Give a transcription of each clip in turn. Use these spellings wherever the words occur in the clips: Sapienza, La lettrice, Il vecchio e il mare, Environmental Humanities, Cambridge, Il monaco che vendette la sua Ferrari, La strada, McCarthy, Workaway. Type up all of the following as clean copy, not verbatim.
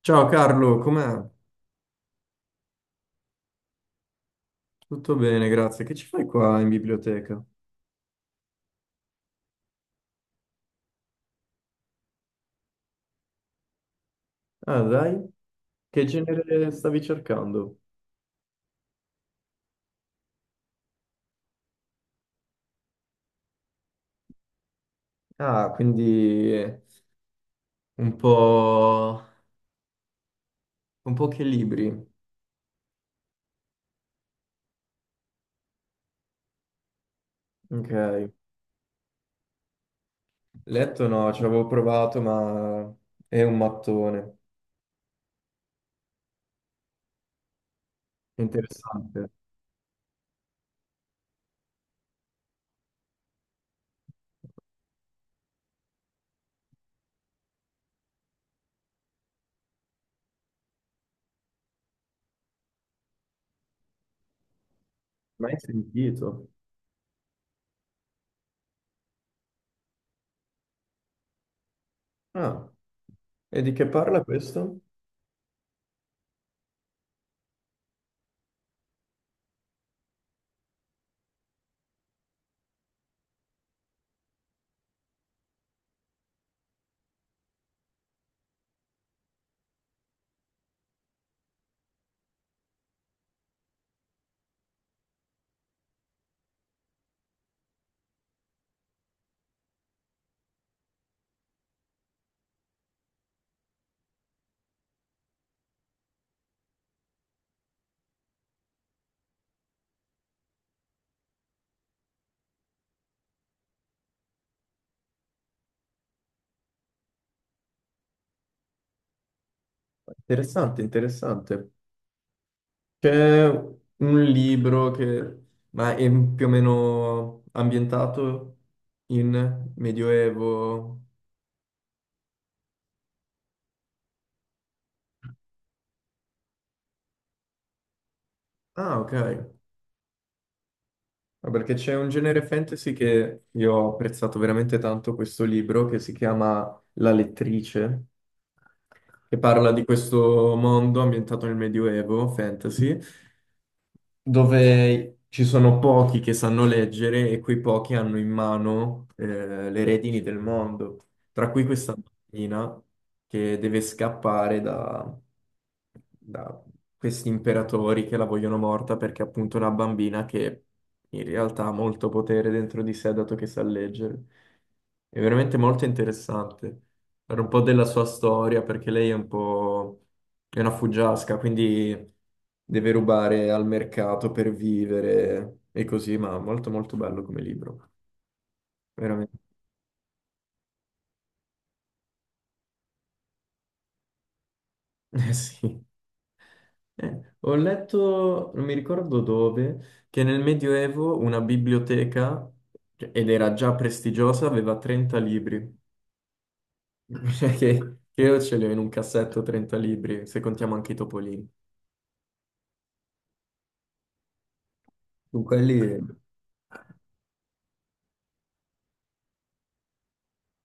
Ciao Carlo, com'è? Tutto bene, grazie. Che ci fai qua in biblioteca? Ah, dai, che genere stavi cercando? Ah, quindi un un po' che libri. Ok. Letto no, ci avevo provato, ma è un mattone. Interessante. Mai sentito. Ah, e di che parla questo? Interessante, interessante. C'è un libro che ma è più o meno ambientato in Medioevo. Ah, ok. Ah, perché c'è un genere fantasy che io ho apprezzato veramente tanto questo libro che si chiama La lettrice, che parla di questo mondo ambientato nel Medioevo fantasy. Dove ci sono pochi che sanno leggere e quei pochi hanno in mano le redini del mondo, tra cui questa bambina che deve scappare da questi imperatori che la vogliono morta perché è appunto una bambina che in realtà ha molto potere dentro di sé dato che sa leggere. È veramente molto interessante. Era un po' della sua storia perché lei è un po'... È una fuggiasca, quindi deve rubare al mercato per vivere e così, ma molto molto bello come libro, veramente. Eh sì. Ho letto, non mi ricordo dove, che nel Medioevo una biblioteca, cioè, ed era già prestigiosa, aveva 30 libri. Cioè che io ce li ho in un cassetto 30 libri, se contiamo anche i topolini. Su quelli...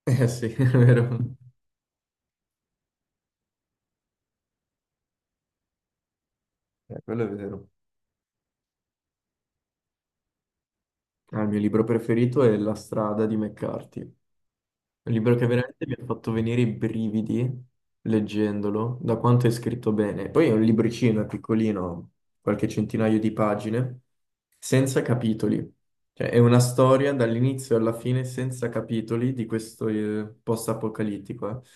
Eh sì, è vero. Quello è vero. Ah, il mio libro preferito è La strada di McCarthy, un libro che veramente mi ha fatto venire i brividi leggendolo, da quanto è scritto bene. Poi è un libricino, è piccolino, qualche centinaio di pagine, senza capitoli. Cioè, è una storia dall'inizio alla fine senza capitoli di questo post-apocalittico,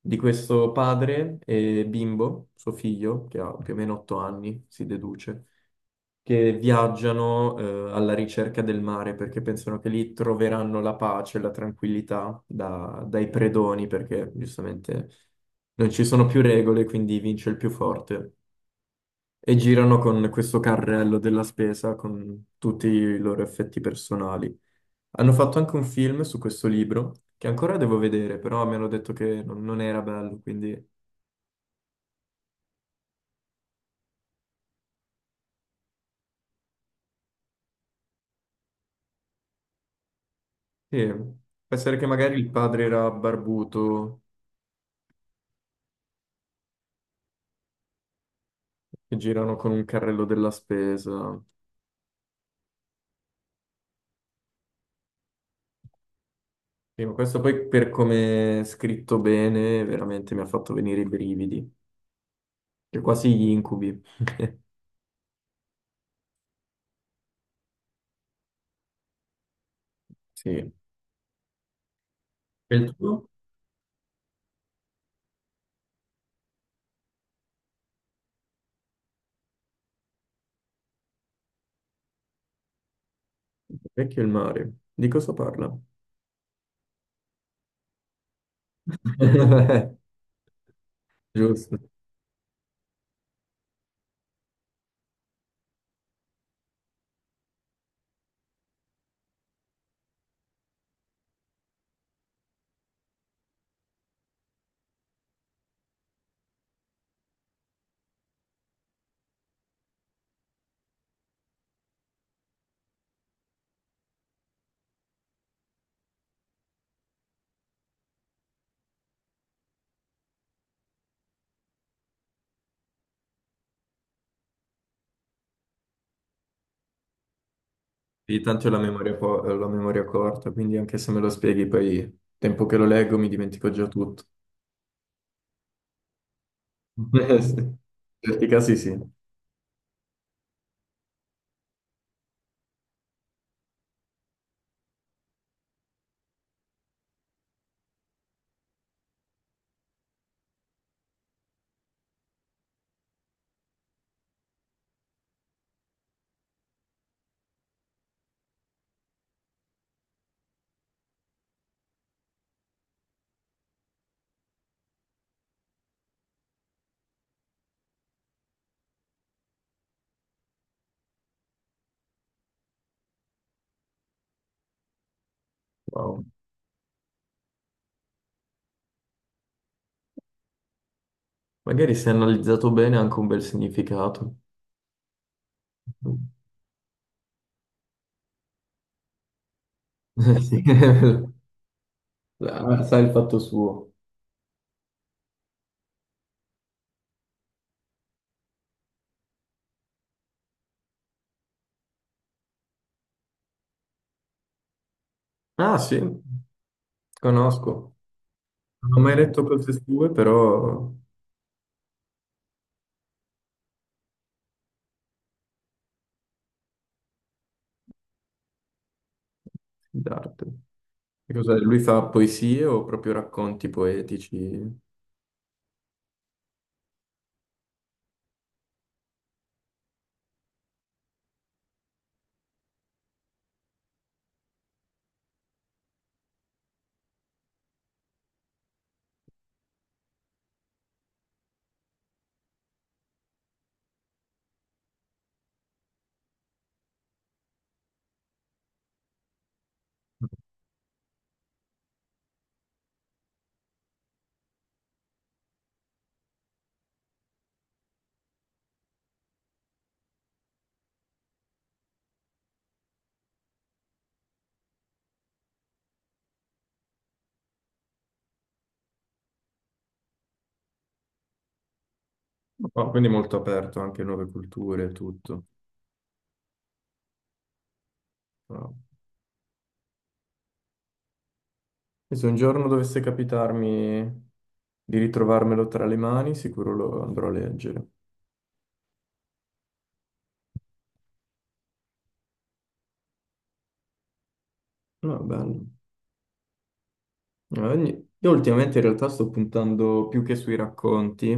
di questo padre e bimbo, suo figlio, che ha più o meno 8 anni, si deduce che viaggiano alla ricerca del mare perché pensano che lì troveranno la pace, la tranquillità dai predoni, perché giustamente non ci sono più regole, quindi vince il più forte. E girano con questo carrello della spesa con tutti i loro effetti personali. Hanno fatto anche un film su questo libro, che ancora devo vedere, però mi hanno detto che non era bello, quindi sì, può essere che magari il padre era barbuto, che girano con un carrello della spesa. Sì, ma questo poi per come è scritto bene, veramente mi ha fatto venire i brividi, e quasi gli incubi. Sì. E il tuo? Vecchio il mare. Di cosa parla? Giusto. Sì, tanto ho la memoria, ho la memoria corta, quindi anche se me lo spieghi poi, tempo che lo leggo, mi dimentico già tutto. Sì. In certi casi sì. Wow. Magari se analizzato bene ha anche un bel significato. Sì. Ah, sa il fatto suo. Ah, sì. Conosco, non ho mai letto cose sue, però sì, d'arte. Che cos'è? Lui fa poesie o proprio racconti poetici? Oh, quindi molto aperto anche a nuove culture e tutto. Wow. E se un giorno dovesse capitarmi di ritrovarmelo tra le mani, sicuro lo andrò a leggere. No, bello. Io ultimamente in realtà sto puntando più che sui racconti,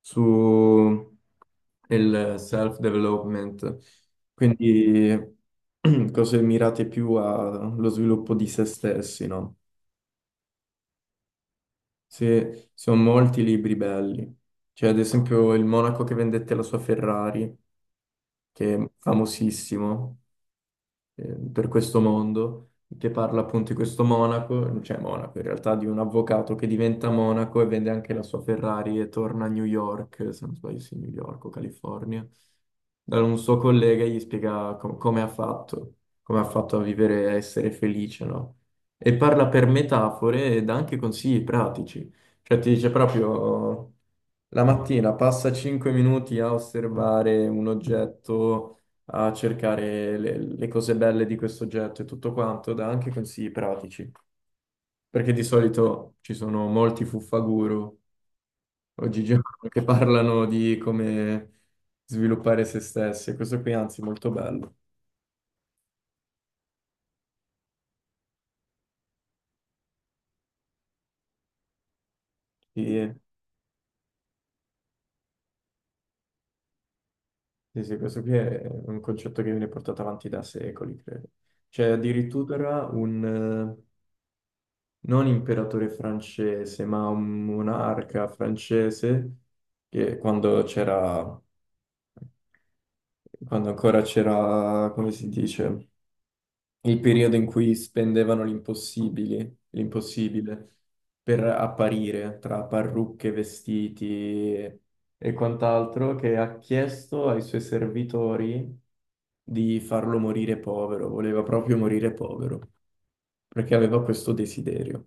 su e il self-development, quindi cose mirate più allo sviluppo di se stessi, no? Se, sono molti libri belli, cioè ad esempio il monaco che vendette la sua Ferrari, che è famosissimo, eh, per questo mondo, che parla appunto di questo monaco, cioè monaco in realtà, di un avvocato che diventa monaco e vende anche la sua Ferrari e torna a New York, se non sbaglio, sì, New York o California, da un suo collega e gli spiega come ha fatto a vivere, a essere felice, no? E parla per metafore e dà anche consigli pratici, cioè ti dice proprio... La mattina passa 5 minuti a osservare un oggetto a cercare le cose belle di questo oggetto e tutto quanto, dà anche consigli pratici, perché di solito ci sono molti fuffaguru oggigiorno che parlano di come sviluppare se stessi, e questo qui anzi è molto bello. Sì, sì, sì, questo qui è un concetto che viene portato avanti da secoli, credo. C'è addirittura un, eh, non imperatore francese, ma un monarca francese che quando ancora c'era, come si dice, il periodo in cui spendevano l'impossibile, l'impossibile per apparire tra parrucche, vestiti e quant'altro, che ha chiesto ai suoi servitori di farlo morire povero, voleva proprio morire povero, perché aveva questo desiderio.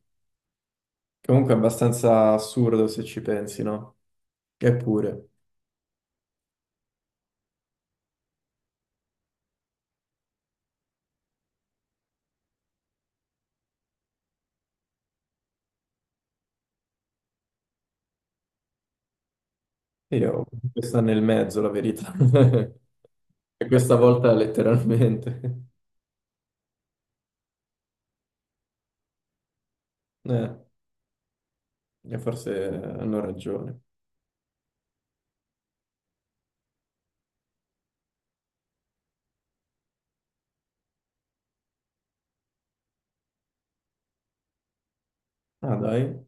Comunque è abbastanza assurdo se ci pensi, no? Eppure, io, questa nel mezzo la verità. E questa volta letteralmente. Eh, e forse hanno ragione. Ah, dai,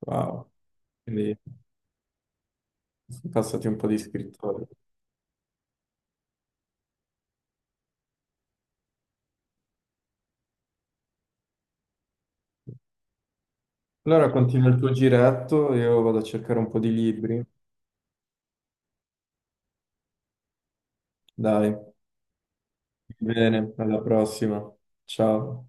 wow. Quindi sono passati un po' di scrittori. Allora continua il tuo giretto, io vado a cercare un po' di libri. Dai, bene, alla prossima. Ciao.